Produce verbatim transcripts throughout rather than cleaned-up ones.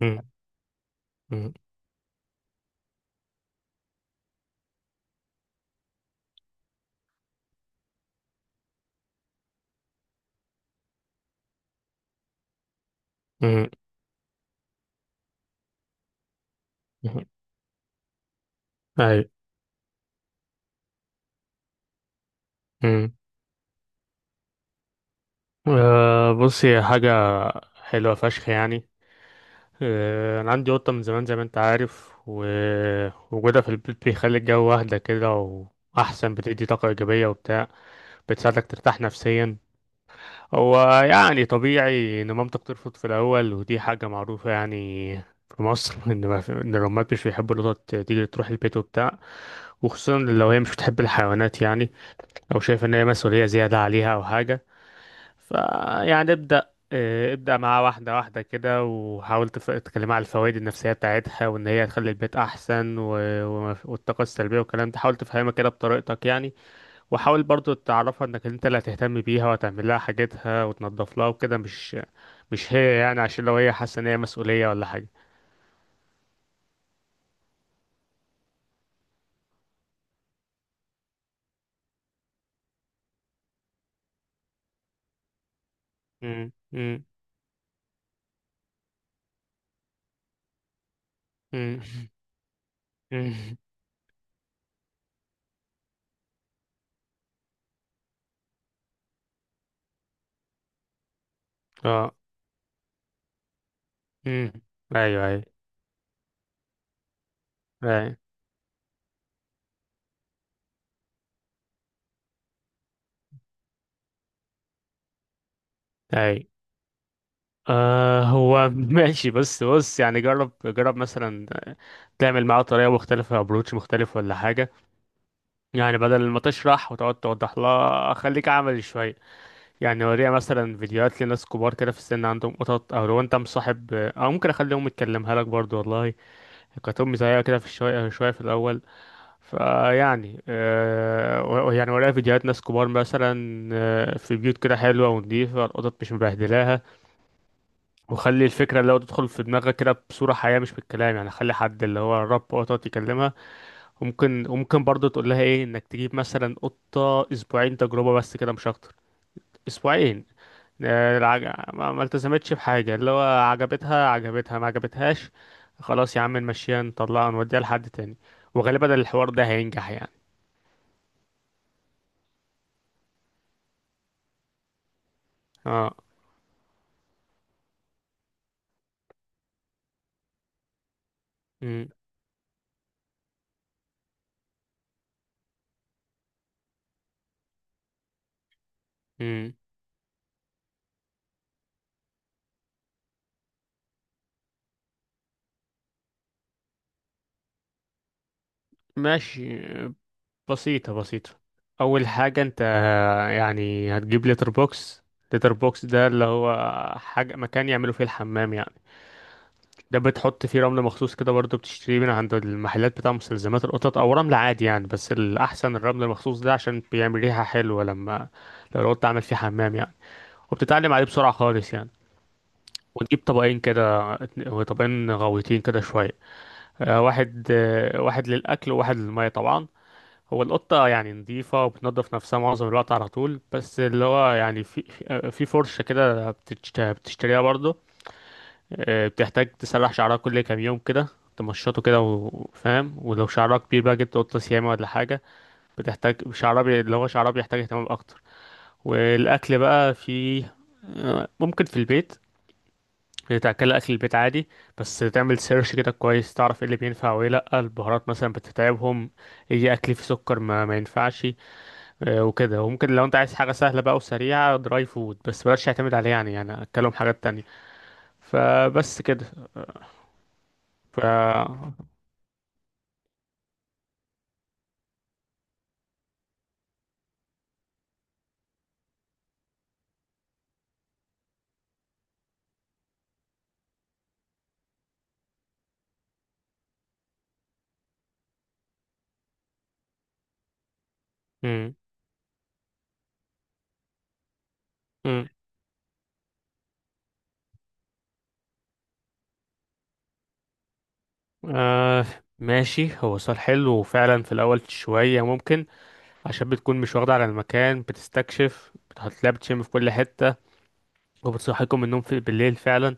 مم. مم. مم. مم. أيوة. مم. آه، بص هي حاجة حلوة فشخ يعني. آه، أنا عندي قطة من زمان زي ما أنت عارف، ووجودها في البيت بيخلي الجو أهدى كده وأحسن، بتدي طاقة إيجابية وبتاع، بتساعدك ترتاح نفسيا. هو يعني طبيعي إن مامتك ترفض في الأول، ودي حاجة معروفة يعني في مصر إن ما في- إن الأمهات مش بيحبوا القطط تيجي تروح البيت وبتاع، وخصوصا لو هي مش بتحب الحيوانات يعني، أو شايفة إن هي مسؤولية زيادة عليها أو حاجة. فيعني ابدأ، آه، ابدأ معاه واحدة واحدة كده، وحاول تف- تكلمها على الفوائد النفسية بتاعتها، وإن هي هتخلي البيت أحسن و... و- والطاقة السلبية والكلام ده، حاول تفهمها كده بطريقتك يعني. وحاول برضو تعرفها إنك أنت اللي هتهتم بيها وهتعمل لها حاجتها وتنظف لها وكده، مش مش هي يعني، عشان لو هي حاسة إن هي مسؤولية ولا حاجة. مم، مم، مم، مم. اه. مم. أيوه، أيوه، أيوه، أيوه. آه، هو ماشي. بس بص يعني، جرب جرب مثلا تعمل معاه طريقة مختلفة، ابروتش مختلف ولا حاجة، يعني بدل ما تشرح وتقعد توضح لها، خليك عملي شوية، يعني وريها مثلا فيديوهات لناس كبار كده في السن عندهم قطط، او لو انت مصاحب او ممكن اخليهم يتكلمها لك برضو. والله كانت امي زيها كده في، شوية شوية في الاول. فيعني آه و- يعني ورايا فيديوهات ناس كبار مثلا، آه، في بيوت كده حلوة ونضيفة، القطط مش مبهدلاها، وخلي الفكرة اللي هو تدخل في دماغك كده بصورة حقيقية مش بالكلام، يعني خلي حد اللي هو الرب او تقعد تكلمها. وممكن وممكن برضه تقول لها ايه، انك تجيب مثلا قطة اسبوعين تجربة بس، كده مش اكتر. اسبوعين، آه، العج- ما ما التزمتش بحاجة، اللي هو عجبتها عجبتها ما عجبتهاش، خلاص يا عم نمشيها نطلعها نوديها لحد تاني. وغالبا الحوار ده هينجح يعني. اه. امم. امم، ماشي، بسيطة بسيطة. أول حاجة أنت يعني هتجيب لتر بوكس. لتر بوكس ده اللي هو حاجة، مكان يعملوا فيه الحمام يعني. ده بتحط فيه رمل مخصوص كده، برضه بتشتريه من عند المحلات بتاع مستلزمات القطط، أو رمل عادي يعني، بس الأحسن الرمل المخصوص ده عشان بيعمل ريحة حلوة لما لو القط عمل فيه حمام يعني. وبتتعلم عليه بسرعة خالص يعني. وتجيب طبقين كده، اتن- طبقين غويطين كده شوية، آه، واحد، آه، واحد للأكل وواحد للمية طبعا. هو القطة يعني نظيفة وبتنظف نفسها معظم الوقت على طول، بس اللي هو يعني في في فرشة كده بتشت- بتشتريها برضه، آه، بتحتاج تسرح شعرها كل كام يوم كده، تمشطه كده و- وفاهم، ولو شعرها كبير بقى جبت قطة سيامة ولا حاجة، بتحتاج شعرها بي... اللي هو شعرها بيحتاج اهتمام أكتر. والأكل بقى، في، آه، ممكن في البيت تاكل اكل البيت عادي، بس تعمل سيرش كده كويس تعرف ايه اللي بينفع وايه لا، البهارات مثلا بتتعبهم، ايه، اكل فيه سكر ما, ما ينفعش، آه، وكده. وممكن لو انت عايز حاجة سهلة بقى وسريعة، دراي فود، بس بلاش تعتمد عليه يعني، يعني اتكلم حاجات تانية. فبس كده. ف مم. مم. آه، ماشي، هو سؤال حلو وفعلا في الأول شوية ممكن، عشان بتكون مش واخدة على المكان، بتستكشف، هتلاقي بتشم في كل حتة، وبتصحيكم من النوم في بالليل فعلا.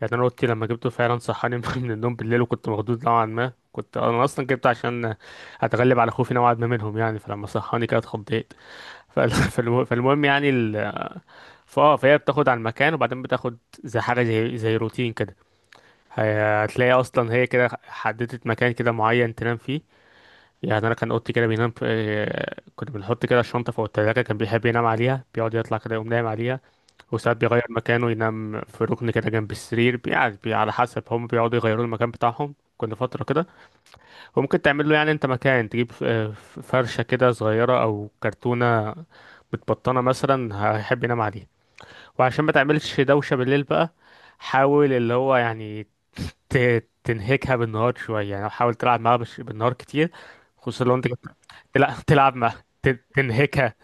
يعني أنا أوضتي لما جبته فعلا صحاني من النوم بالليل، وكنت مخضوض نوعا ما، كنت أنا أصلا جبته عشان أتغلب على خوفي نوعا ما منهم يعني، فلما صحاني كده اتخضيت. فال- فالم- فالمهم يعني ال... فاه فهي بتاخد على المكان، وبعدين بتاخد زي حاجه، زي زي روتين كده. هي- هتلاقي اصلا هي كده حددت مكان كده معين تنام فيه، يعني انا كان اوضتي كده بينام في... آه، كنا بنحط كده الشنطه فوق التلاجه، كان بيحب ينام عليها، بيقعد يطلع كده يقوم نايم عليها. وساعات بيغير مكانه، ينام في ركن كده جنب السرير، يعني بي... على حسب، هم بيقعدوا يغيروا المكان بتاعهم كل فتره كده. وممكن تعمل له يعني انت مكان، تجيب ف- ف- فرشة كده صغيرة او كرتونة متبطنة مثلا، هيحب ينام عليها. وعشان ما تعملش دوشة بالليل بقى، حاول اللي هو يعني ت- تنهكها بالنهار شوية، يعني حاول تلعب معاها بش- بالنهار كتير، خصوصا لو انت تلعب تلعب معاها، ت- تنهكها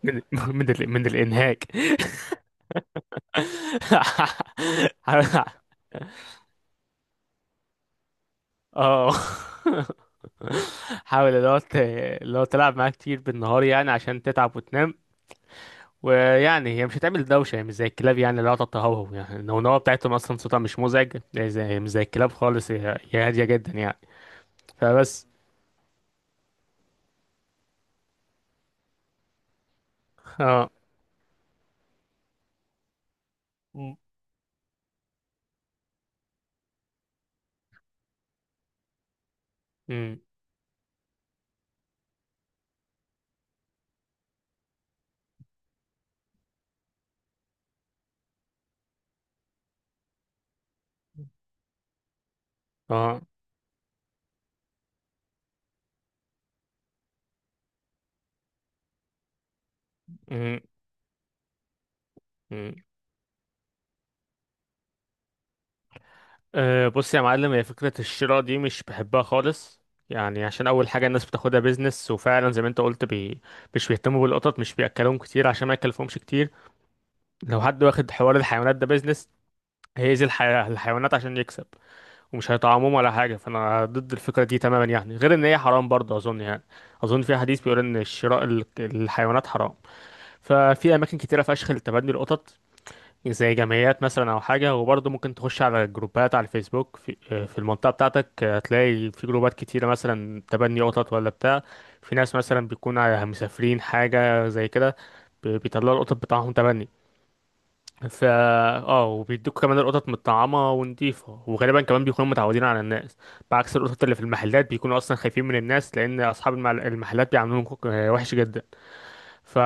من من ال- من الانهاك. اه. حاول اللي هو، ت- اللي هو تلعب معاها كتير بالنهار يعني عشان تتعب وتنام. ويعني هي مش هتعمل دوشة، هي مش زي الكلاب يعني، اللي هو تتهوهو، يعني النونوة بتاعتهم أصلا صوتها مش مزعج، هي زي، مش زي الكلاب خالص، هي هي هادية جدا يعني. فبس. اه. مم. امم. اه. امم. امم. أه، بص يا معلم، هي فكرة الشراء دي مش بحبها خالص، يعني عشان أول حاجة الناس بتاخدها بيزنس، وفعلا زي ما أنت قلت، بي، مش بيهتموا بالقطط، مش بيأكلوهم كتير عشان ما يكلفهمش كتير. لو حد واخد حوار الحيوانات ده بيزنس، هيأذي الحي... الحيوانات عشان يكسب، ومش هيطعموهم ولا حاجة. فأنا ضد الفكرة دي تماما يعني، غير إن هي حرام برضه أظن يعني. أظن في حديث بيقول إن شراء ال- الحيوانات حرام. ففي أماكن كتيرة فشخ لتبني القطط، زي جمعيات مثلا أو حاجة، وبرضه ممكن تخش على جروبات على الفيسبوك في, في المنطقة بتاعتك، هتلاقي في جروبات كتيرة مثلا تبني قطط ولا بتاع، في ناس مثلا بيكونوا مسافرين حاجة زي كده، ب- بيطلعوا القطط بتاعهم تبني. ف اه، وبيدوك كمان القطط متطعمه ونضيفه، وغالبا كمان بيكونوا متعودين على الناس، بعكس القطط اللي في المحلات بيكونوا اصلا خايفين من الناس، لان اصحاب المحل- المحلات بيعاملوهم كو- آه، وحش جدا. ف...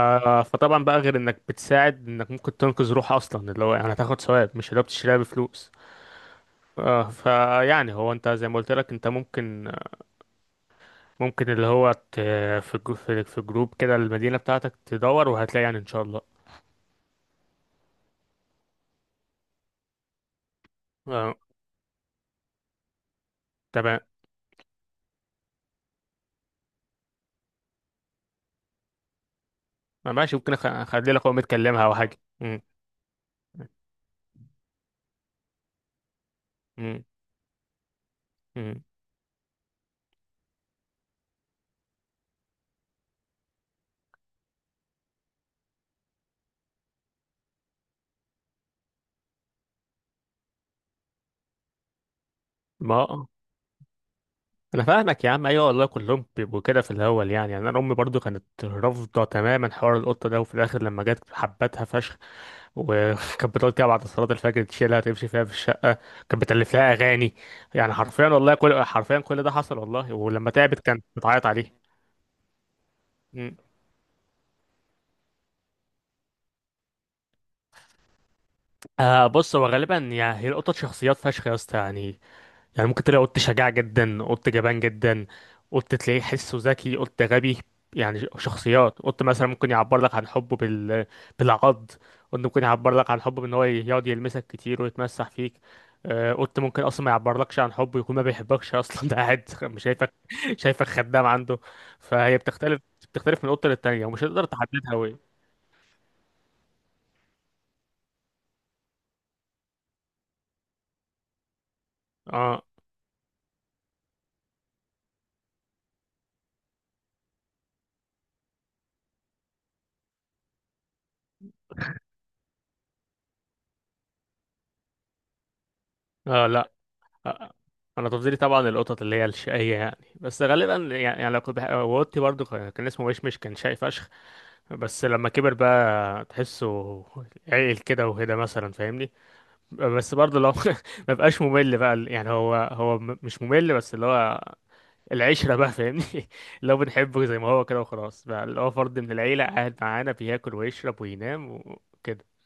فطبعا بقى، غير انك بتساعد، انك ممكن تنقذ روح اصلا، اللي هو يعني هتاخد ثواب، مش اللي هو بتشتريها بفلوس. آه، فيعني هو انت زي ما قلت لك، انت ممكن، ممكن اللي هو ت، في جو... في في جروب كده المدينه بتاعتك تدور، وهتلاقي يعني ان شاء الله. آه، تمام. ماشي، ممكن أخ- اخلي لك اقوم اتكلمها او حاجه. مم. مم. مم. ما آه. انا فاهمك يا عم، ايوه والله كلهم بيبقوا كده في الاول، يعني يعني انا امي برضو كانت رافضه تماما حوار القطه ده، وفي الاخر لما جت حبتها فشخ. وكانت بتقعد كده بعد صلاه الفجر تشيلها تمشي فيها في الشقه، كانت بتألف لها اغاني، يعني حرفيا والله، كل حرفيا كل ده حصل والله، ولما تعبت كانت بتعيط عليه. مم. آه، بص، هو غالبا يعني، هي القطط شخصيات فشخ يا اسطى يعني، يعني ممكن تلاقي قط شجاع جدا، قط جبان جدا، قط تلاقيه حسه ذكي، قط غبي، يعني شخصيات. قط مثلا ممكن يعبر لك عن حبه بال... بالعض، قط ممكن يعبر لك عن حبه بان هو يقعد يلمسك كتير ويتمسح فيك، آه، قط ممكن اصلا ما يعبرلكش عن حبه، يكون ما بيحبكش اصلا ده قاعد مش شايفك، شايفك خدام عنده. فهي بتختلف، بتختلف من قطه للتانيه، ومش هتقدر تحددها قوي. اه. اه، لا، آه، انا تفضيلي طبعا القطط اللي هي الشقيه يعني، بس غالبا يعني, يعني لو كنت بح... وقتي برضو كان كان اسمه مشمش، كان شقي فشخ، بس لما كبر بقى تحسه عقل كده وهدا مثلا فاهمني. بس برضو لو ما بقاش ممل بقى يعني، هو هو م- مش ممل، بس اللي هو العشره بقى فاهمني اللي هو بنحبه زي ما هو كده وخلاص بقى، اللي هو فرد من العيله قاعد معانا بياكل ويشرب وينام وكده